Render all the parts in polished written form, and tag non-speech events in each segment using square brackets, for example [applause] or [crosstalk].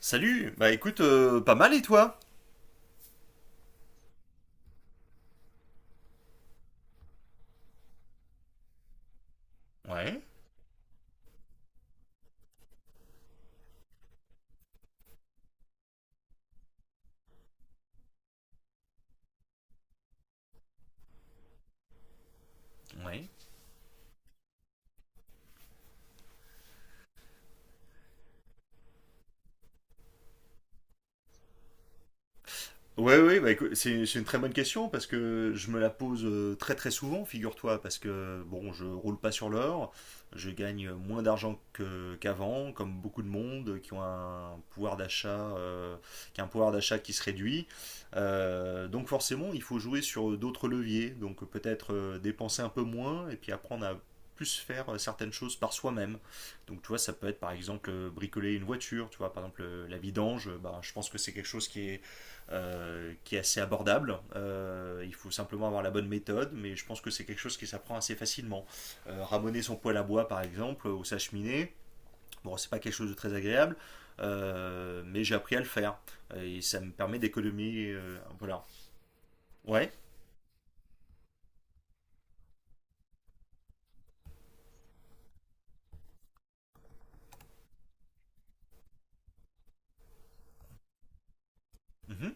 Salut, bah écoute, pas mal et toi. Ouais, ouais. Ouais, ouais, bah, écoute, c'est une très bonne question parce que je me la pose très très souvent, figure-toi, parce que bon, je roule pas sur l'or, je gagne moins d'argent qu'avant, comme beaucoup de monde qui ont un pouvoir d'achat, qui a un pouvoir d'achat qui se réduit. Donc forcément, il faut jouer sur d'autres leviers, donc peut-être dépenser un peu moins et puis apprendre à plus faire certaines choses par soi-même. Donc tu vois, ça peut être par exemple bricoler une voiture, tu vois, par exemple la vidange, bah, je pense que c'est quelque chose qui est assez abordable. Il faut simplement avoir la bonne méthode, mais je pense que c'est quelque chose qui s'apprend assez facilement. Ramoner son poêle à bois, par exemple, ou sa cheminée, bon, c'est pas quelque chose de très agréable, mais j'ai appris à le faire. Et ça me permet d'économiser. Voilà. Ouais. Mhm.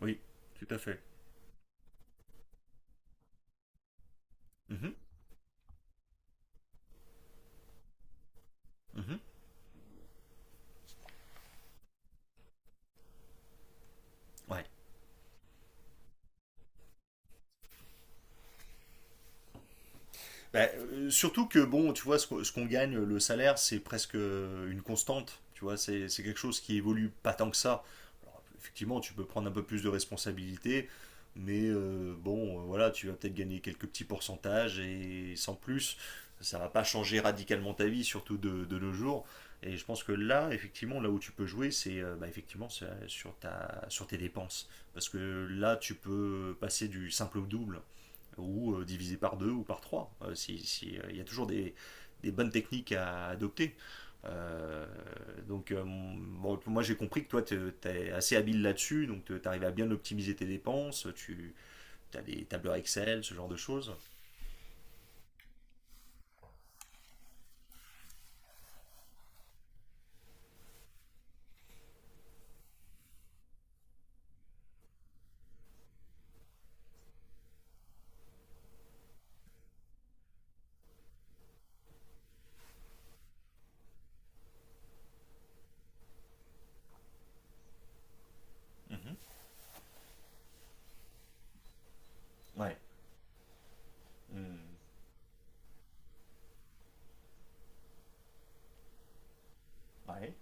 Oui, tout à fait. Mhm. Mhm. Ouais. Bah, surtout que, bon, tu vois, ce qu'on gagne, le salaire, c'est presque une constante. Tu vois, c'est quelque chose qui évolue pas tant que ça. Alors, effectivement, tu peux prendre un peu plus de responsabilités, mais bon, voilà, tu vas peut-être gagner quelques petits pourcentages et sans plus, ça va pas changer radicalement ta vie, surtout de nos jours. Et je pense que là, effectivement, là où tu peux jouer, c'est bah, effectivement c'est, sur tes dépenses. Parce que là, tu peux passer du simple au double ou divisé par deux ou par trois. Si, si, Il y a toujours des bonnes techniques à adopter. Euh, bon, moi j'ai compris que toi tu es assez habile là-dessus, donc tu arrives à bien optimiser tes dépenses, tu as des tableurs Excel, ce genre de choses. Mhm. Ouais. Mm. Ouais.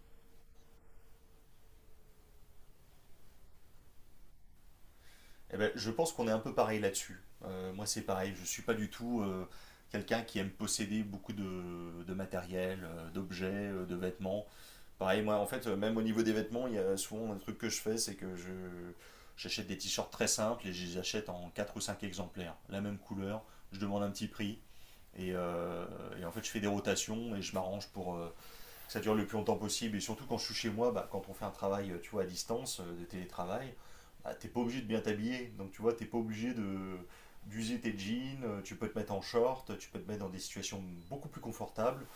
Eh ben, je pense qu'on est un peu pareil là-dessus. Moi, c'est pareil. Je suis pas du tout quelqu'un qui aime posséder beaucoup de matériel, d'objets, de vêtements. Pareil, moi, en fait, même au niveau des vêtements, il y a souvent un truc que je fais, c'est que je j'achète des t-shirts très simples et je les achète en 4 ou 5 exemplaires, la même couleur, je demande un petit prix. Et, euh, et en fait, je fais des rotations et je m'arrange pour que ça dure le plus longtemps possible. Et surtout quand je suis chez moi, bah, quand on fait un travail, tu vois, à distance, de télétravail, bah, t'es pas obligé de bien t'habiller. Donc tu vois, t'es pas obligé de d'user tes jeans. Tu peux te mettre en short, tu peux te mettre dans des situations beaucoup plus confortables,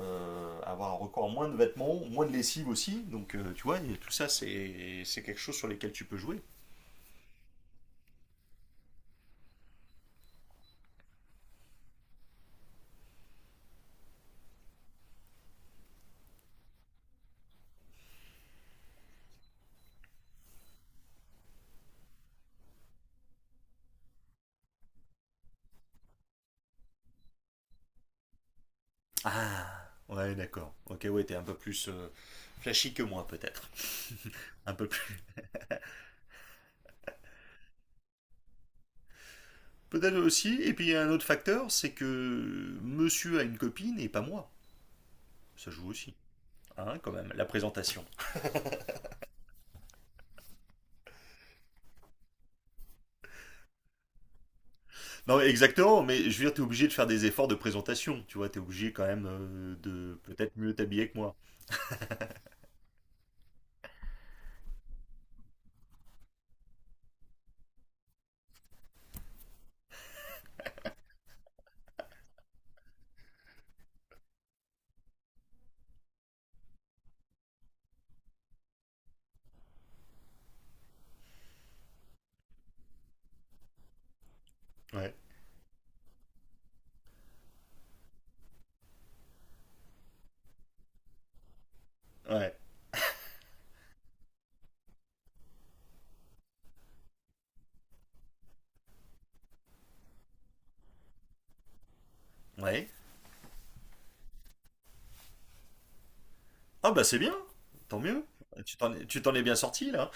avoir encore moins de vêtements, moins de lessive aussi. Donc, tu vois, tout ça, c'est quelque chose sur lesquels tu peux jouer. Ah, ouais, d'accord. Ok, ouais, t'es un peu plus flashy que moi, peut-être. [laughs] Un peu plus. Peut-être aussi. Et puis, il y a un autre facteur, c'est que monsieur a une copine et pas moi. Ça joue aussi. Hein, quand même, la présentation. Non, exactement, mais je veux dire, t'es obligé de faire des efforts de présentation. Tu vois, t'es obligé quand même de peut-être mieux t'habiller que moi. Ouais. Ouais. Ouais. Ah bah c'est bien, tant mieux. Tu t'en es bien sorti là?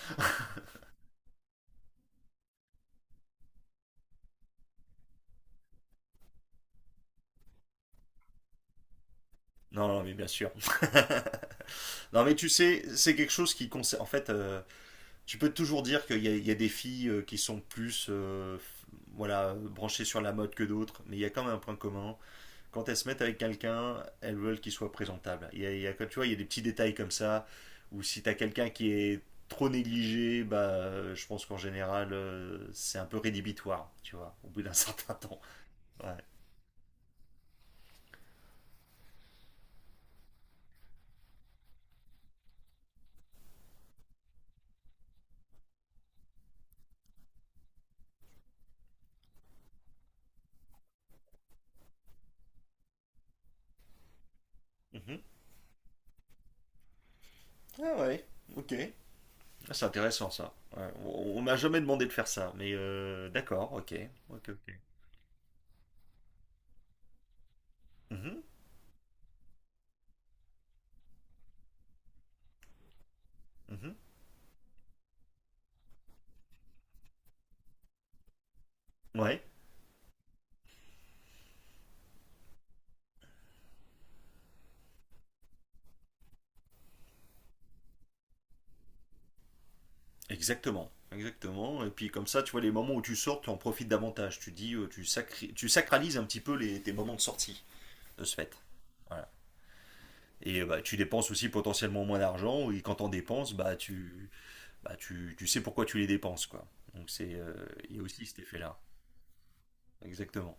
Non, non, mais bien sûr. [laughs] Non, mais tu sais, c'est quelque chose qui concerne. En fait, tu peux toujours dire qu'il y a des filles qui sont plus voilà, branchées sur la mode que d'autres, mais il y a quand même un point commun. Quand elles se mettent avec quelqu'un, elles veulent qu'il soit présentable. Tu vois, il y a des petits détails comme ça, où si t'as quelqu'un qui est trop négligé, bah, je pense qu'en général, c'est un peu rédhibitoire, tu vois, au bout d'un [laughs] certain temps. Ouais. Mhm. Ah ouais, ok. Ah, c'est intéressant ça. Ouais, On m'a jamais demandé de faire ça, mais d'accord, ok, ok, ok. Mhm, mhm. Ouais, exactement, exactement. Et puis comme ça, tu vois, les moments où tu sors, tu en profites davantage. Tu dis, tu sacralises un petit peu tes moments de sortie de ce fait. Voilà. Et bah, tu dépenses aussi potentiellement moins d'argent, et quand t'en dépenses, tu sais pourquoi tu les dépenses, quoi. Donc c'est, euh, il y a aussi cet effet-là. Exactement.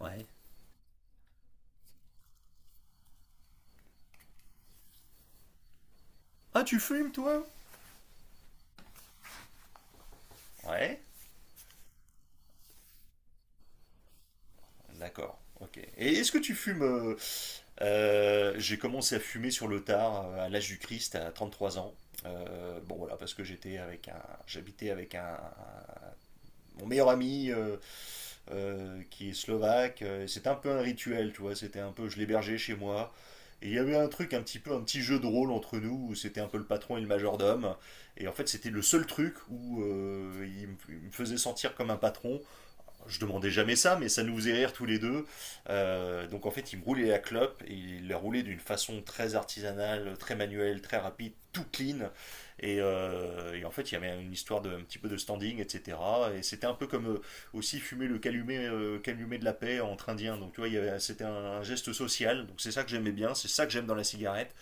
Ouais. Ah, tu fumes, toi? Ouais. D'accord. Ok. Et est-ce que tu fumes J'ai commencé à fumer sur le tard, à l'âge du Christ, à 33 ans. Bon voilà, parce que j'habitais avec mon meilleur ami qui est slovaque. C'était un peu un rituel, tu vois. C'était un peu, je l'hébergeais chez moi. Et il y avait un truc, un petit peu, un petit jeu de rôle entre nous où c'était un peu le patron et le majordome. Et en fait, c'était le seul truc où il me faisait sentir comme un patron. Je demandais jamais ça, mais ça nous faisait rire tous les deux. Donc en fait, il me roulait la clope et il la roulait d'une façon très artisanale, très manuelle, très rapide, tout clean. Et en fait, il y avait une histoire de un petit peu de standing, etc. Et c'était un peu comme aussi fumer le calumet de la paix entre Indiens. Donc tu vois, c'était un geste social. Donc c'est ça que j'aimais bien, c'est ça que j'aime dans la cigarette.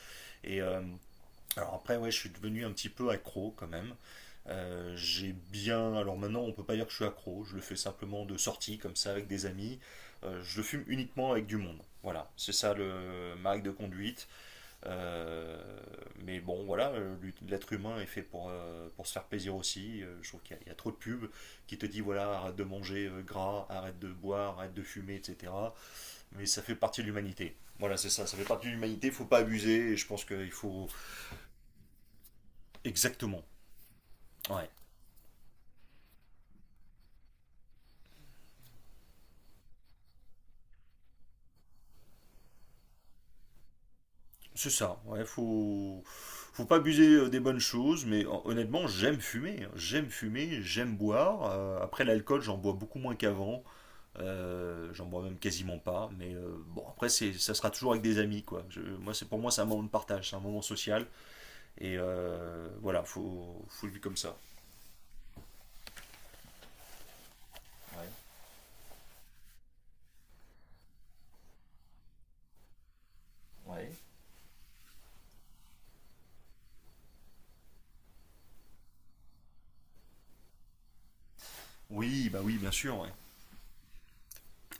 Et, euh, alors après, ouais, je suis devenu un petit peu accro quand même. J'ai bien. Alors maintenant, on peut pas dire que je suis accro. Je le fais simplement de sortie, comme ça, avec des amis. Je le fume uniquement avec du monde. Voilà, c'est ça le ma règle de conduite. Euh, mais bon, voilà, l'être humain est fait pour se faire plaisir aussi. Je trouve qu'il y a trop de pubs qui te dit voilà, arrête de manger gras, arrête de boire, arrête de fumer, etc. Mais ça fait partie de l'humanité. Voilà, c'est ça, ça fait partie de l'humanité. Faut pas abuser. Et je pense qu'il faut. Exactement. Ouais, c'est ça. Ouais, faut pas abuser des bonnes choses, mais honnêtement, j'aime fumer. Hein. J'aime fumer, j'aime boire. Après l'alcool, j'en bois beaucoup moins qu'avant. J'en bois même quasiment pas. Mais bon, après, ça sera toujours avec des amis, quoi. Moi, c'est pour moi, c'est un moment de partage, c'est un moment social. Voilà, faut le vivre comme ça. Ouais, ouais. Oui, bah oui, bien sûr. Ouais.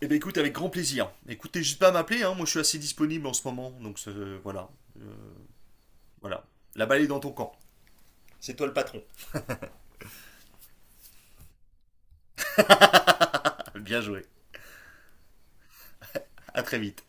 Eh ben écoute, avec grand plaisir. Écoutez, juste pas à m'appeler. Hein, moi, je suis assez disponible en ce moment, donc voilà. Euh, voilà. La balle est dans ton camp. C'est toi le patron. [laughs] Bien joué. À très vite.